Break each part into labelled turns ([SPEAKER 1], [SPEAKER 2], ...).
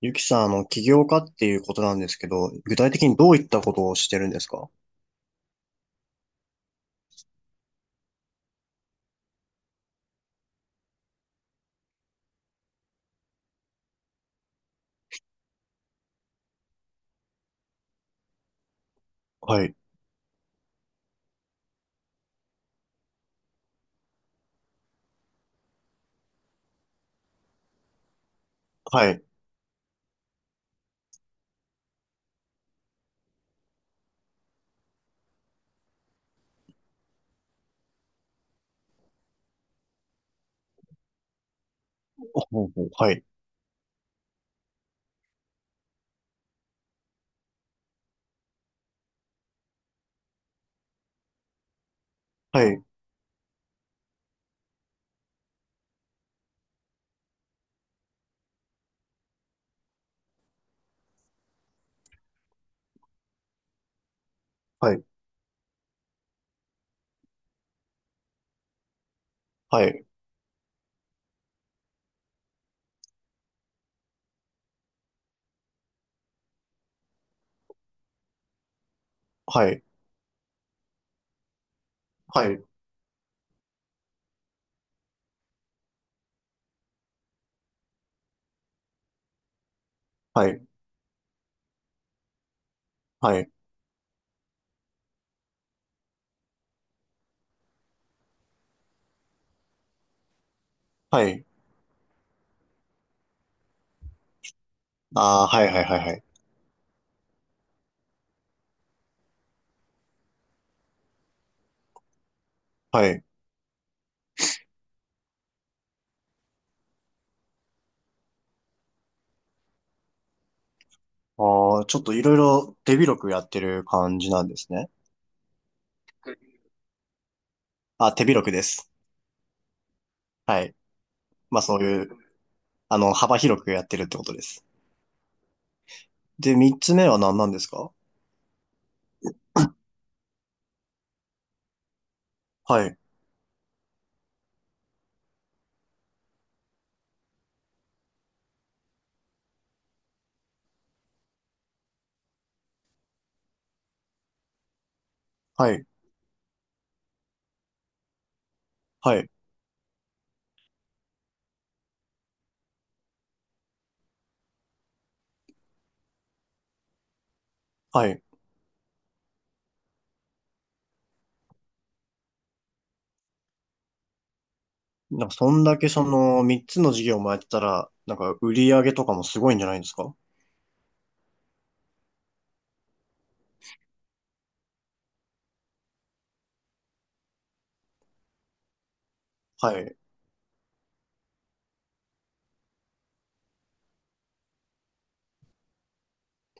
[SPEAKER 1] ゆきさん、起業家っていうことなんですけど、具体的にどういったことをしてるんですか？はい。はい。ほうほう、はい。はい。はい。はい。はい。はい。はい。はい。はい。ああ、はい、はい、はい、はい。はい。ああ、ちょっといろいろ手広くやってる感じなんですね。あ、手広くです。はい。まあ、そういう、幅広くやってるってことです。で、三つ目は何なんですか？はい。はい。はい。はい。なんか、そんだけその3つの事業もやってたら、なんか、売り上げとかもすごいんじゃないんですか？はい。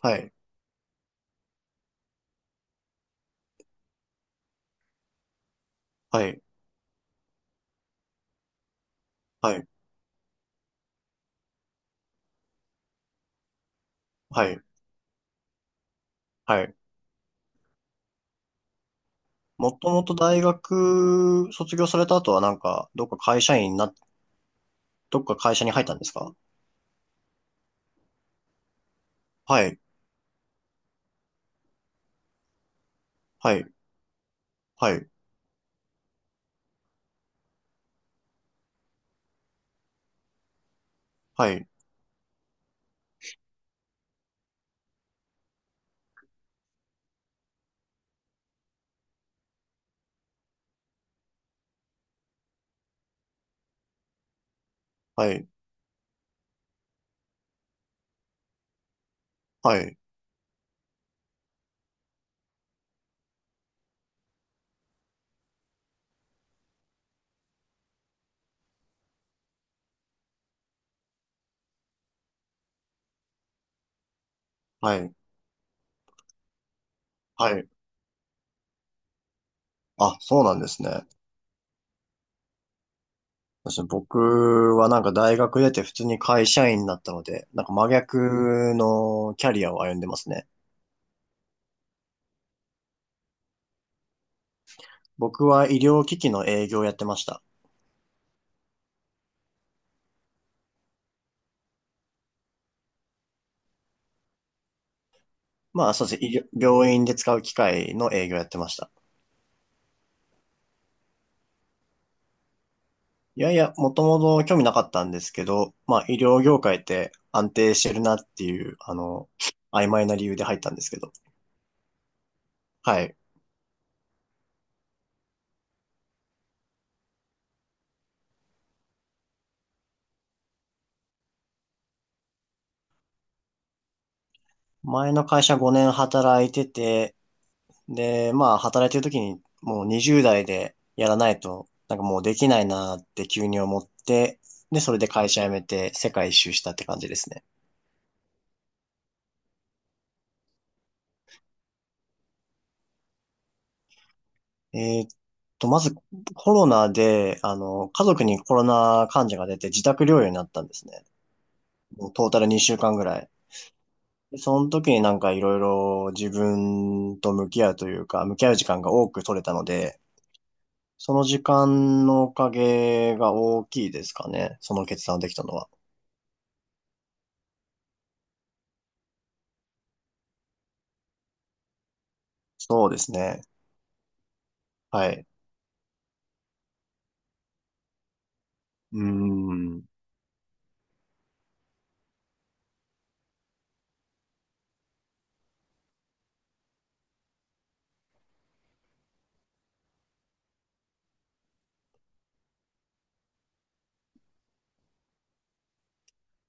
[SPEAKER 1] はい。はい。はい。はい。はい。もともと大学卒業された後はなんか、どっか会社員にな、どっか会社に入ったんですか？はい。はい。はい。はい。はい。はい。はい。はい。あ、そうなんですね。僕はなんか大学出て普通に会社員になったので、なんか真逆のキャリアを歩んでますね。僕は医療機器の営業をやってました。まあ、そうですね。医療病院で使う機械の営業やってました。いやいや、もともと興味なかったんですけど、まあ、医療業界って安定してるなっていう、曖昧な理由で入ったんですけど。はい。前の会社5年働いてて、で、まあ、働いてる時にもう20代でやらないと、なんかもうできないなって急に思って、で、それで会社辞めて世界一周したって感じですね。えーっまずコロナで、家族にコロナ患者が出て自宅療養になったんですね。もうトータル2週間ぐらい。でその時になんかいろいろ自分と向き合うというか、向き合う時間が多く取れたので、その時間のおかげが大きいですかね。その決断をできたのは。そうですね。はい。うーん。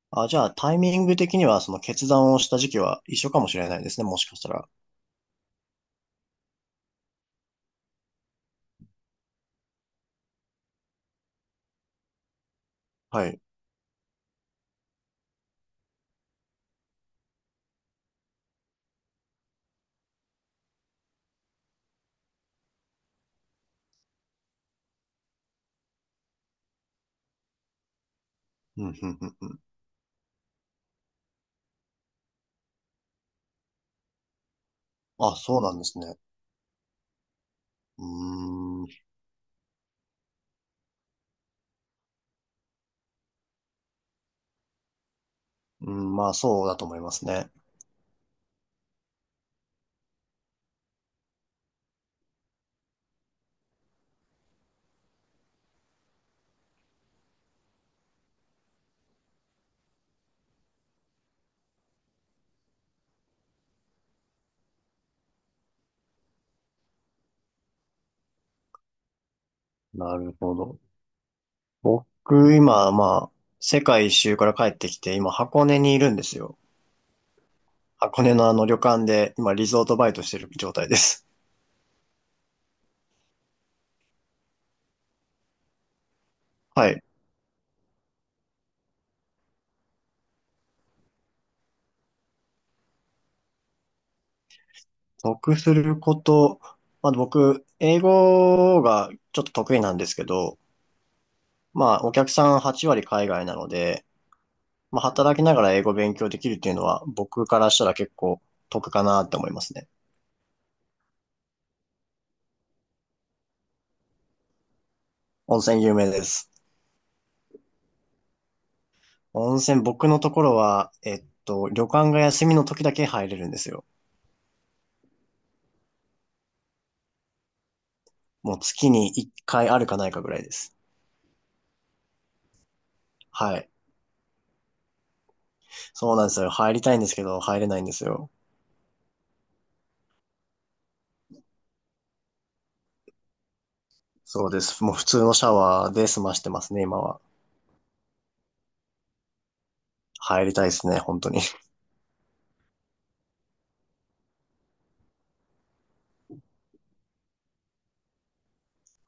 [SPEAKER 1] あ、じゃあタイミング的にはその決断をした時期は一緒かもしれないですね。もしかしたら。はい。うん、うん、うん、うん。あ、そうなんですね。うーん、うん、まあそうだと思いますね。なるほど。僕、今、まあ、世界一周から帰ってきて、今、箱根にいるんですよ。箱根のあの旅館で、今、リゾートバイトしてる状態です。はい。得すること、まあ僕、英語がちょっと得意なんですけど、まあ、お客さん8割海外なので、まあ、働きながら英語勉強できるっていうのは、僕からしたら結構得かなって思いますね。温泉有名です。温泉、僕のところは、旅館が休みの時だけ入れるんですよ。もう月に1回あるかないかぐらいです。はい。そうなんですよ。入りたいんですけど、入れないんですよ。そうです。もう普通のシャワーで済ましてますね、今は。入りたいですね、本当に。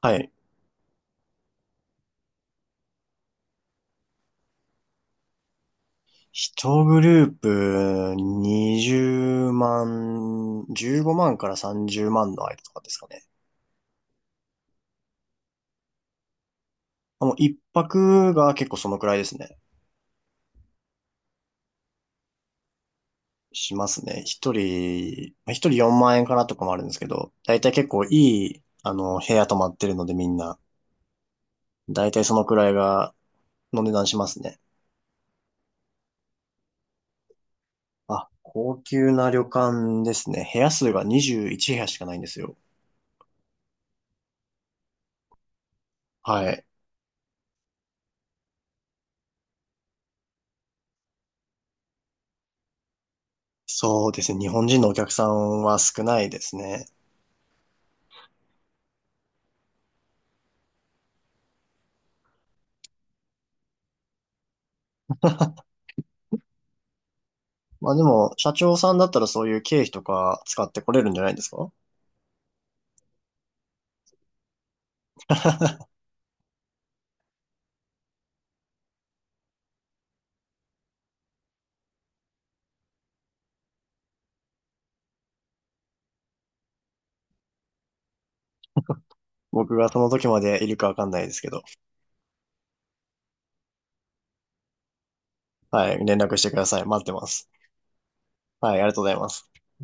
[SPEAKER 1] はい。一グループ20万、15万から30万の間とかですかね。もう一泊が結構そのくらいですね。しますね。一人、まあ一人4万円かなとかもあるんですけど、だいたい結構いい、部屋泊まってるのでみんな、だいたいそのくらいが、の値段しますね。あ、高級な旅館ですね。部屋数が21部屋しかないんですよ。はい。そうですね。日本人のお客さんは少ないですね。まあでも、社長さんだったらそういう経費とか使ってこれるんじゃないですか？僕がその時までいるかわかんないですけど。はい。連絡してください。待ってます。はい。ありがとうございます。